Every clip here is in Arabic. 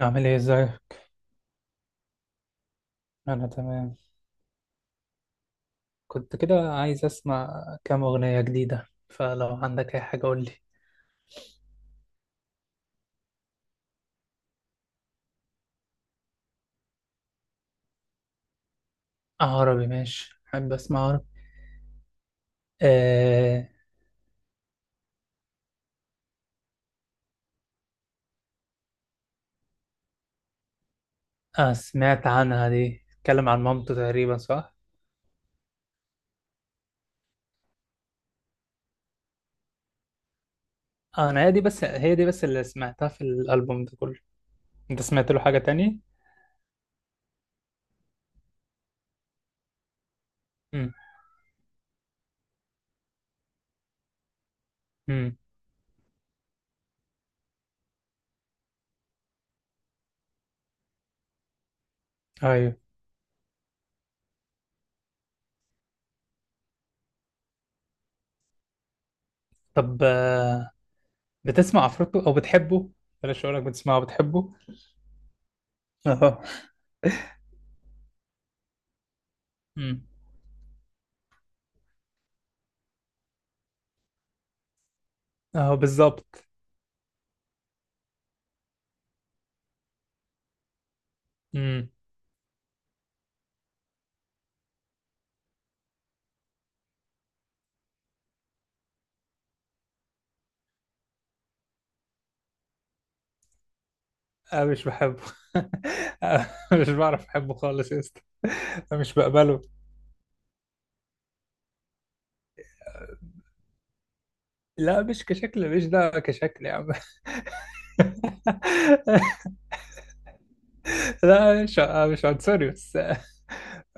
أعمل إيه إزيك؟ أنا تمام. كنت كده عايز أسمع كام أغنية جديدة، فلو عندك أي حاجة قولي. آه، عربي، ماشي، أحب أسمع عربي. آه. آه، سمعت عنها دي، اتكلم عن مامته تقريبا، صح؟ آه، أنا هي دي بس، هي دي بس اللي سمعتها في الألبوم ده كله. أنت سمعت له حاجة تانية؟ مم. مم. أيوه. طب، بتسمع عفروتو أو بتحبه؟ بلاش أقولك، بتسمعه بتحبه؟ أهو. مم. أهو بالظبط. أنا مش بحبه. أنا مش بعرف أحبه خالص يا اسطى. أنا مش بقبله. لا، مش كشكل، مش ده كشكل يا عم. لا، مش عنصري بس.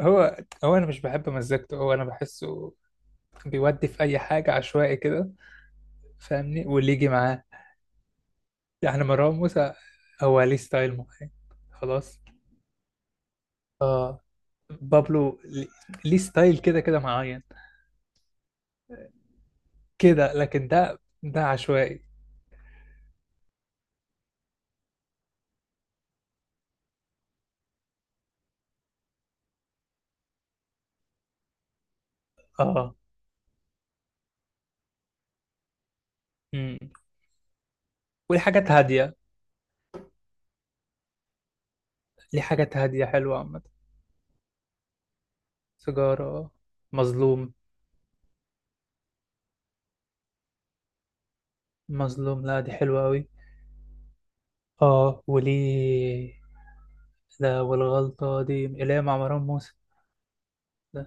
هو هو أنا مش بحب مزجته، هو أنا بحسه بيودي في أي حاجة عشوائي كده. فاهمني، واللي يجي معاه. يعني مروان موسى هو ليه ستايل معين. خلاص. اه. بابلو لي- ليه ستايل كده كده معين، كده، لكن ده عشوائي. اه، والحاجات هادية، ليه حاجات هادية حلوة عامة. سيجارة. مظلوم. مظلوم، لا دي حلوة أوي. اه، وليه؟ لا، والغلطة دي اللي هي مع مروان موسى. لا.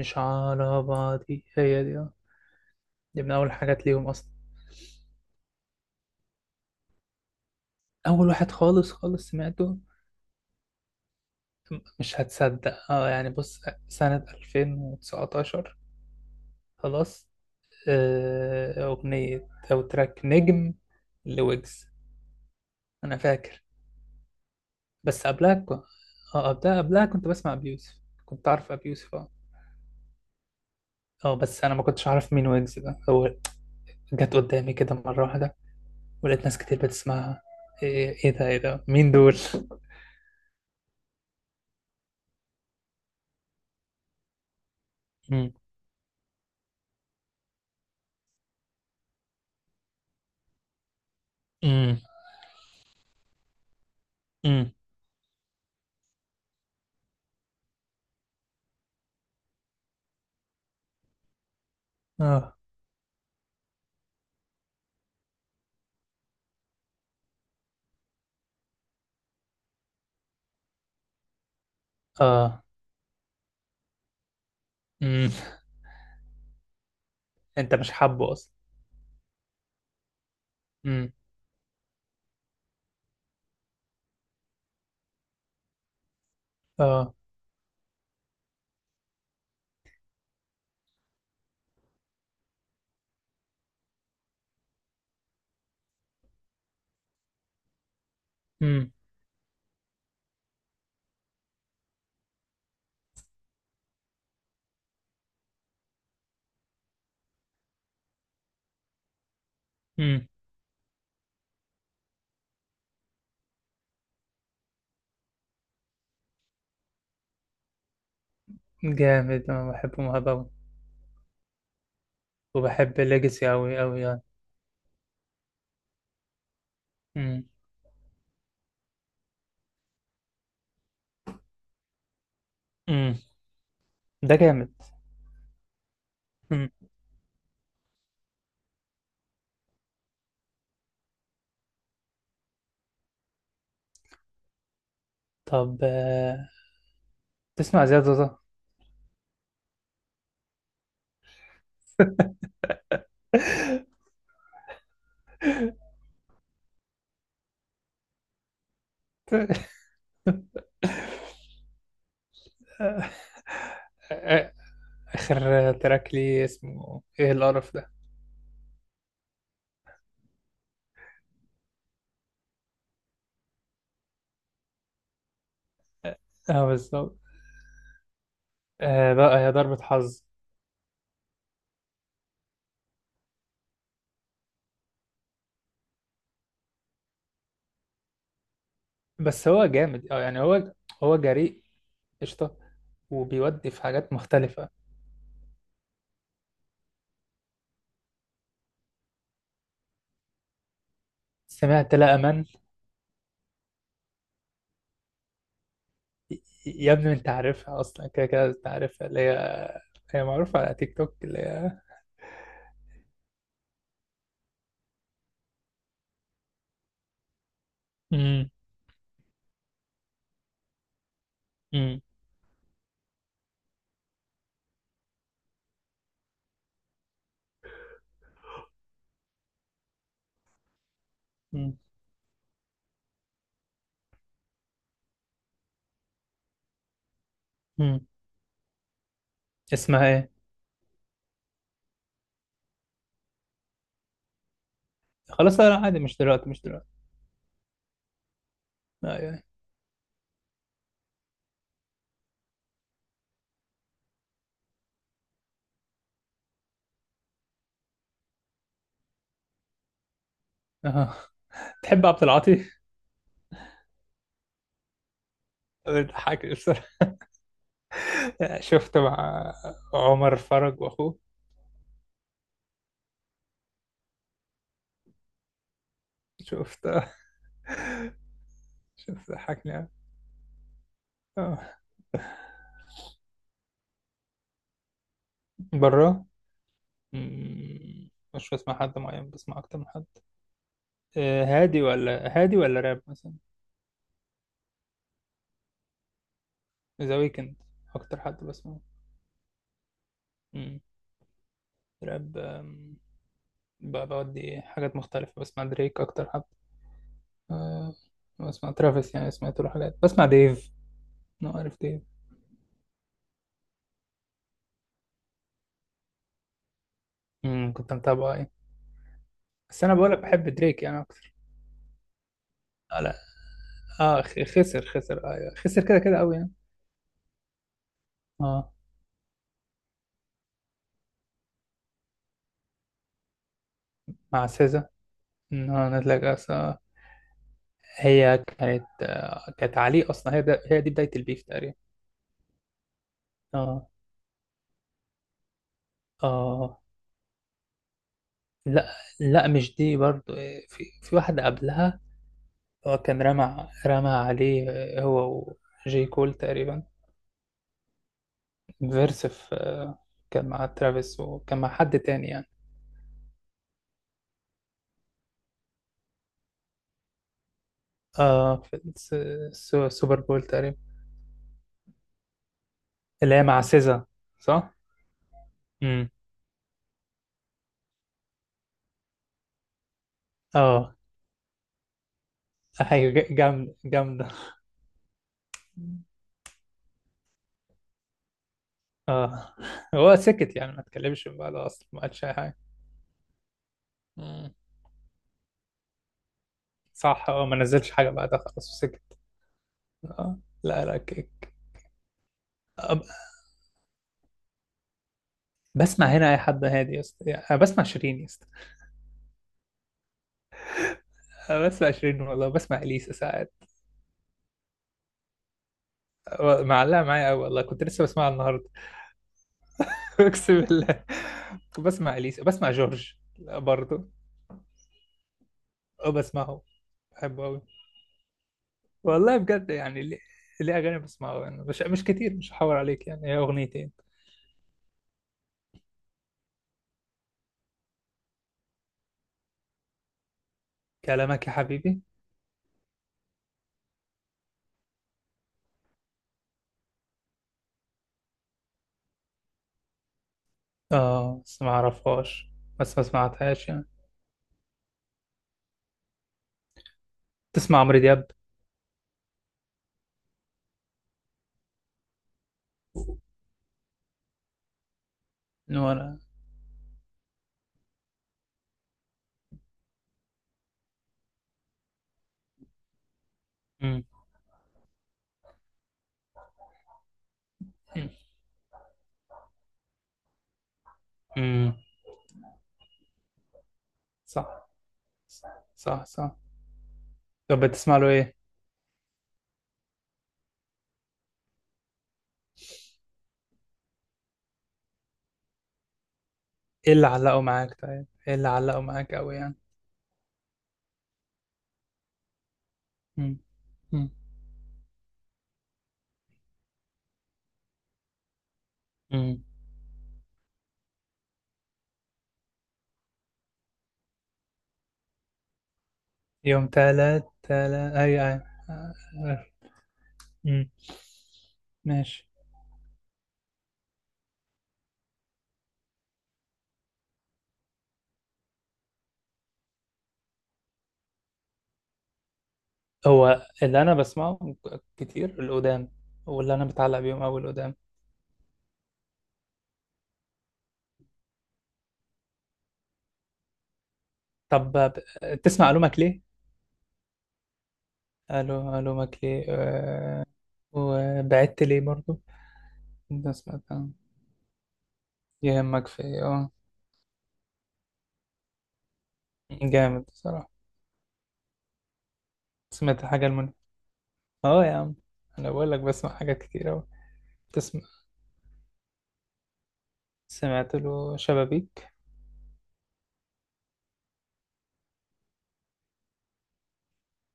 مش على بعضي هي دي، اه. دي من أول حاجات ليهم أصلا. أول واحد خالص خالص سمعته، مش هتصدق، اه، يعني بص، سنة 2019. خلاص. آه، أغنية أو تراك نجم لويجز. أنا فاكر. بس قبلها ك... اه، قبلها كنت بسمع ابي يوسف. كنت عارف ابي يوسف، اه. اه، بس انا ما كنتش عارف مين ويجز ده هو. جت قدامي كده مره واحده، ولقيت ناس كتير بتسمعها. ايه؟ ايه ده؟ ايه ده مين دول؟ امم. امم. امم. اه. اه. امم. انت مش حابه اصلا. امم. اه. امم. امم. جامد، انا بحبه، مهضوم. وبحب ليجاسي اوي اوي يعني. امم. امم. ده جامد. امم. طب، تسمع زياد زوزة؟ آخر تراك ليه اسمه إيه، القرف ده. اه، بالظبط. آه، بقى هي ضربة حظ. بس هو جامد، اه، يعني. هو جريء، قشطة، وبيودي في حاجات مختلفة. سمعت لا أمان. يا ابني أنت عارفها أصلا، كده كده أنت عارفها، اللي هي هي معروفة على تيك توك، اللي هي. مم. مم. مم. مم. اسمها إيه؟ خلاص، لا لا، عادي، مش دلوقتي مش دلوقتي. أيوه. أه. تحب عبد العاطي؟ بتضحك بصراحة. شفته مع عمر فرج وأخوه. شفتها. شفت حكني. آه. بره. مم، مش بسمع حد معين، بسمع اكتر من حد. آه، هادي ولا هادي ولا راب مثلا. ذا ويكند اكتر حد بسمعه. مم، راب، بودي حاجات مختلفة. بسمع دريك اكتر حد. آه، بسمع ترافيس، يعني سمعت له حاجات، بسمع ديف، لو عارف ديف. مم، كنت متابعه، ايه؟ بس انا بقولك بحب دريك يعني اكتر. آه، لا. اه، خسر ايوه، خسر كده كده قوي يعني. اه. مع سيزا، إن هو نازلة جاهزة. هي كانت عليه اصلا، هي دي بدايه البيف تقريبا. اه. اه. لا لا، مش دي برضو، في واحده قبلها. هو كان رمى عليه، هو وجي كول تقريبا، فيرس في، كان مع ترافيس وكان مع حد تاني يعني. اه، في السوبر بول تقريبا، اللي هي مع سيزا، صح؟ امم. اه. ايوه، جامده جامده. اه. هو سكت يعني، ما اتكلمش من بعده اصلا، ما قالش اي حاجه. صح، اه، ما نزلش حاجة بعدها خلاص، وسكت. اه. لا لا، كيك. أب- بسمع هنا أي حد هادي يا اسطى، يعني أنا بسمع شيرين يا اسطى. أنا بسمع شيرين والله، بسمع إليسا ساعات. أه، معلقة معايا أوي والله، كنت لسه بسمعها النهاردة. أقسم بالله. بسمع إليسا، بسمع جورج، لا، برضه. أه، بسمعه. بحبه أوي والله، بجد يعني. ليه أغاني بسمعه، يعني مش كتير، مش هحاور عليك يعني، هي أغنيتين. كلامك يا حبيبي. اه، بس ما أعرفهاش. بس ما سمعتهاش يعني. تسمع عمرو دياب. وأنا. امم. صح. صح صح صح. طب بتسمع له ايه؟ ايه اللي علقوا معاك طيب؟ ايه اللي علقوا معاك قوي يعني؟ امم. امم. امم. يوم تلات، تلات، اي، اي. امم. ماشي. هو اللي انا بسمعه كتير القدام، واللي انا بتعلق بيهم قوي القدام. طب، تسمع الومك ليه؟ الومك ليه؟ وبعدت ليه برضو؟ ده سمعتها. يهمك في إيه؟ اه. جامد بصراحة. سمعت حاجة. اه يا عم، انا بقول لك بسمع حاجات كتير اوي. تسمع، سمعت له شبابيك.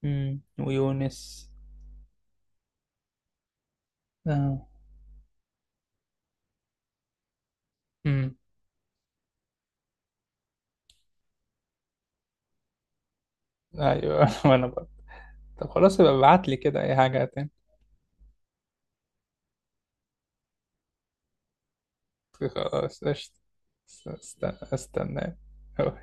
امم، ويونس. اه. امم. ايوه، وانا برضه. طب خلاص، يبقى ابعت لي كده اي حاجه تاني. خلاص قشطة. است- است- استنى. أوي.